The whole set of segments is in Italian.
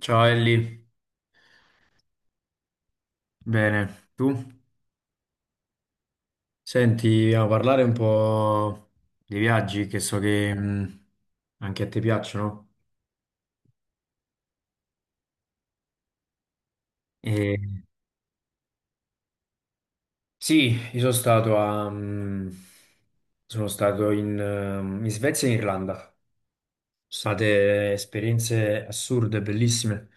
Ciao Ellie, bene, tu? Senti, a parlare un po' dei viaggi che so che anche a te piacciono. E, sì, io sono stato sono stato in Svezia e in Irlanda. Sono state esperienze assurde, bellissime.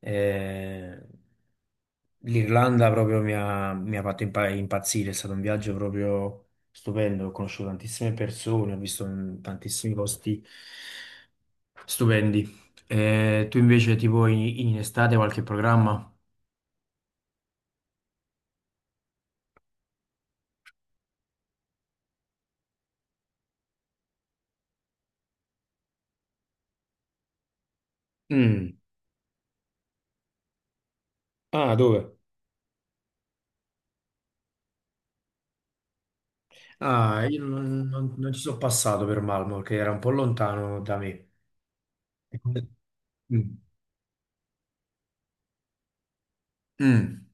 Eh, L'Irlanda proprio mi ha fatto impazzire, è stato un viaggio proprio stupendo, ho conosciuto tantissime persone, ho visto tantissimi posti stupendi. Tu invece tipo in estate qualche programma? Mm. Ah, dove? Ah, io non ci sono passato per Malmo perché era un po' lontano da me. Mm. Mm.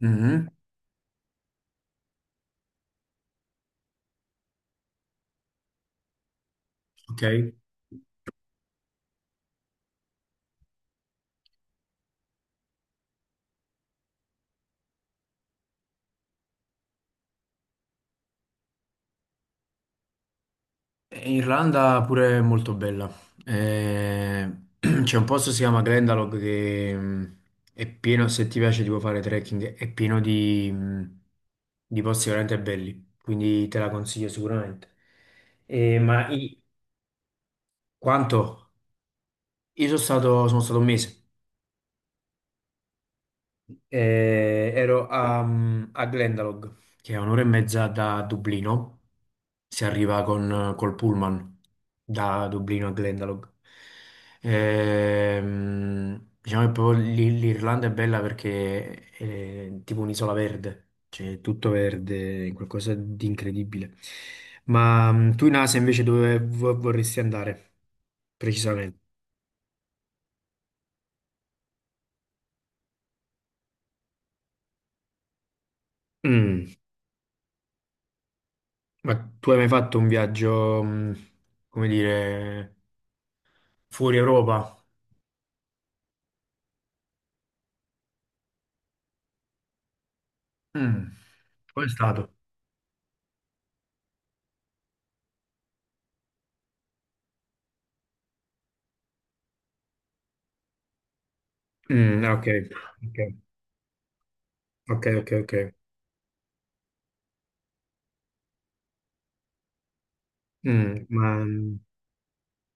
Mhm. Ok. Irlanda pure è molto bella. Eh, c'è un posto che si chiama Glendalough che è pieno, se ti piace tipo fare trekking, è pieno di posti veramente belli, quindi te la consiglio sicuramente. Eh, ma i- quanto? Io sono stato un mese. Ero a Glendalough, che è un'ora e mezza da Dublino, si arriva con, col pullman da Dublino a Glendalough. Diciamo che proprio l'Irlanda è bella perché è tipo un'isola verde, cioè è tutto verde, è qualcosa di incredibile. Ma tu in Asia invece dove vorresti andare precisamente? Mm. Ma tu hai mai fatto un viaggio, come dire, fuori Europa? Mm. Come è stato? Mm, ah, ok, ok. Ok, ok, ok. Ma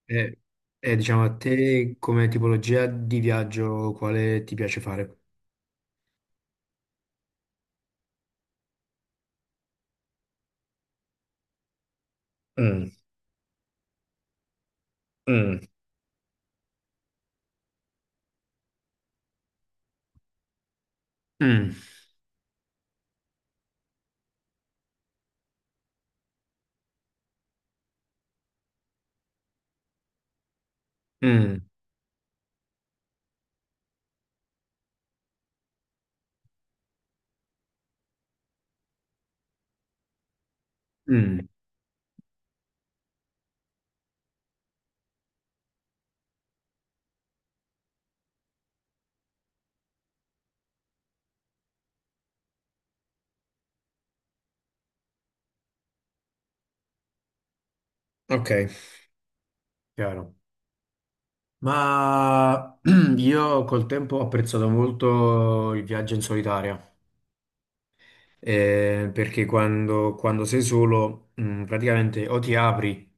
e- diciamo a te come tipologia di viaggio quale ti piace fare? Mm, mm, mm, mm. Mm. Ok, chiaro. Ma io col tempo ho apprezzato molto il viaggio in solitaria, perché quando sei solo, praticamente o ti apri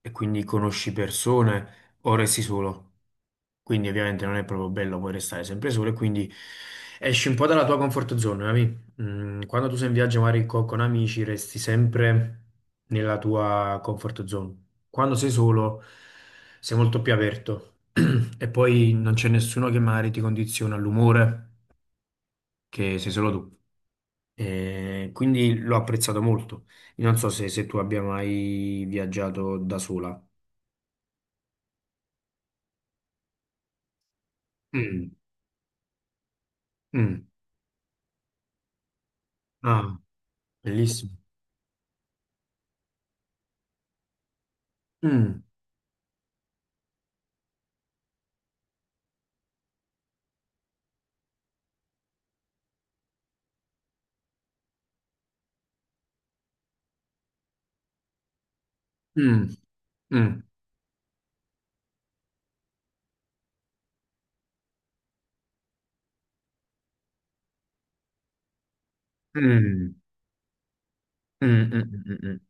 e quindi conosci persone o resti solo. Quindi ovviamente non è proprio bello poi restare sempre solo e quindi esci un po' dalla tua comfort zone, capi? Quando tu sei in viaggio magari con amici resti sempre nella tua comfort zone. Quando sei solo sei molto più aperto e poi non c'è nessuno che magari ti condiziona l'umore che sei solo tu. E quindi l'ho apprezzato molto. Io non so se tu abbia mai viaggiato da sola. Mm, mm. Ah, bellissimo. Mm, mm, mm. Mm, mm, mm, mm, mm. Mm.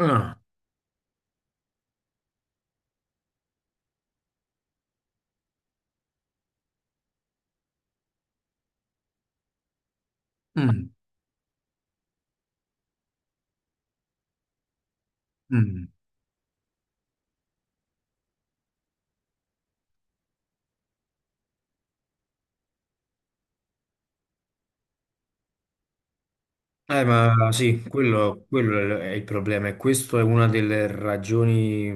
Ah, mm, mm. Ma sì, quello è il problema e questa è una delle ragioni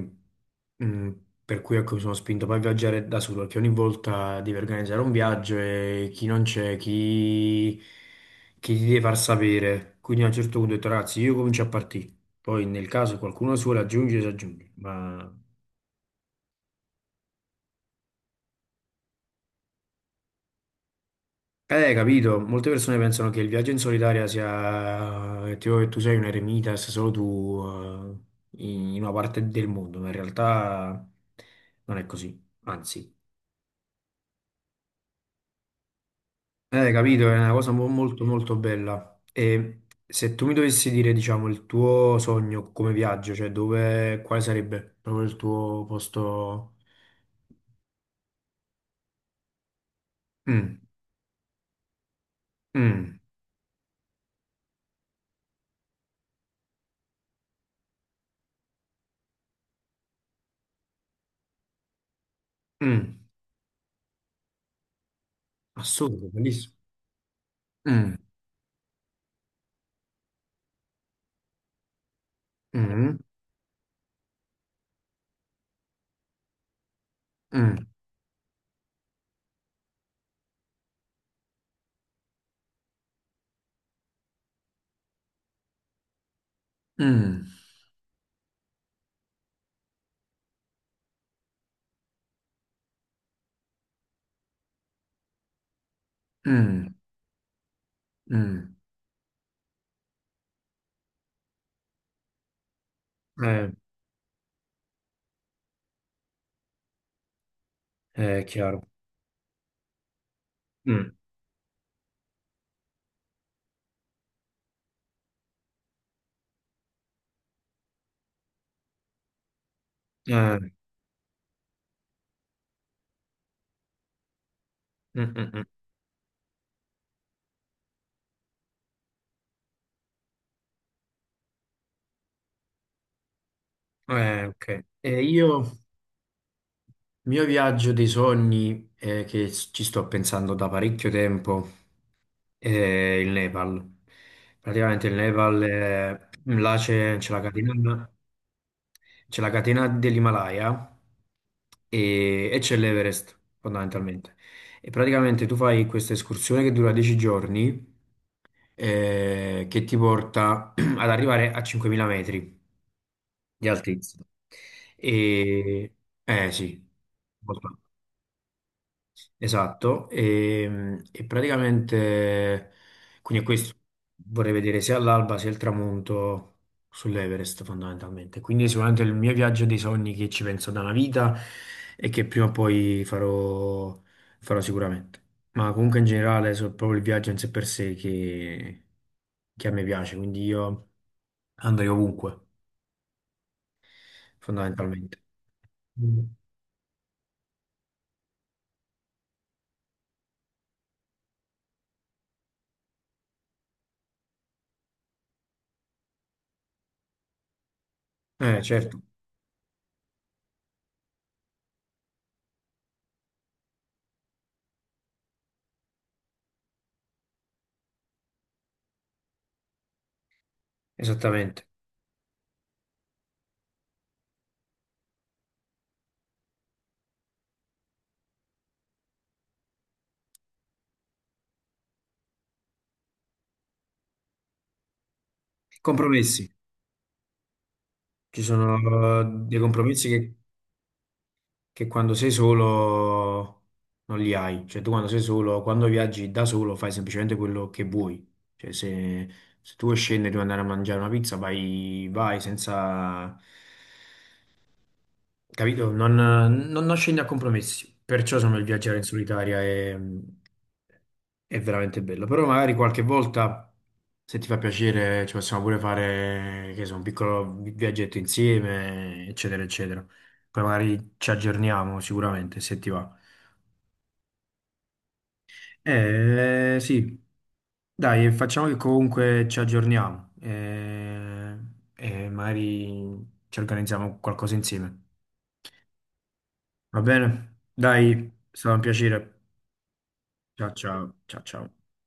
mm, per cui ecco, mi sono spinto poi a viaggiare da solo, perché ogni volta devi organizzare un viaggio e chi non c'è, chi ti deve far sapere. Quindi a un certo punto ho detto, ragazzi, io comincio a partire, poi nel caso qualcuno suole si aggiunge, ma. Capito, molte persone pensano che il viaggio in solitaria sia, tipo che tu sei un eremita e sei solo tu, in una parte del mondo, ma in realtà non è così, anzi. Capito, è una cosa molto molto bella. E se tu mi dovessi dire, diciamo, il tuo sogno come viaggio, cioè dove, quale sarebbe proprio il tuo posto? Mm, mm, mm. Assurdo, bellissimo. Mm, mm, mm, mm, mm, mm. Eh, è chiaro. Mm, eh, mm, mm, mm. Ok. Il mio viaggio dei sogni, che ci sto pensando da parecchio tempo, è il Nepal. Praticamente il Nepal, là c'è la catena dell'Himalaya e c'è l'Everest, fondamentalmente. E praticamente tu fai questa escursione che dura 10 giorni, che ti porta ad arrivare a 5.000 metri di altezza. E, eh sì, molto alto. Esatto. E praticamente, quindi questo vorrei vedere sia l'alba sia il tramonto sull'Everest fondamentalmente. Quindi sicuramente il mio viaggio dei sogni che ci penso da una vita e che prima o poi farò, farò sicuramente. Ma comunque in generale è proprio il viaggio in sé per sé che a me piace, quindi io andrei ovunque fondamentalmente. Certo, esattamente. Compromessi. Ci sono dei compromessi che quando sei solo non li hai. Cioè tu quando sei solo, quando viaggi da solo fai semplicemente quello che vuoi. Cioè se tu vuoi scendere, devi andare a mangiare una pizza, vai, vai senza. Capito? Non scendi a compromessi, perciò sono il viaggiare in solitaria è veramente bello. Però magari qualche volta, se ti fa piacere, ci possiamo pure fare, che so, un piccolo viaggetto insieme, eccetera, eccetera. Poi magari ci aggiorniamo sicuramente, se ti va. Sì, dai, facciamo che comunque ci aggiorniamo e magari ci organizziamo qualcosa insieme. Va bene? Dai, è stato un piacere. Ciao ciao, ciao ciao.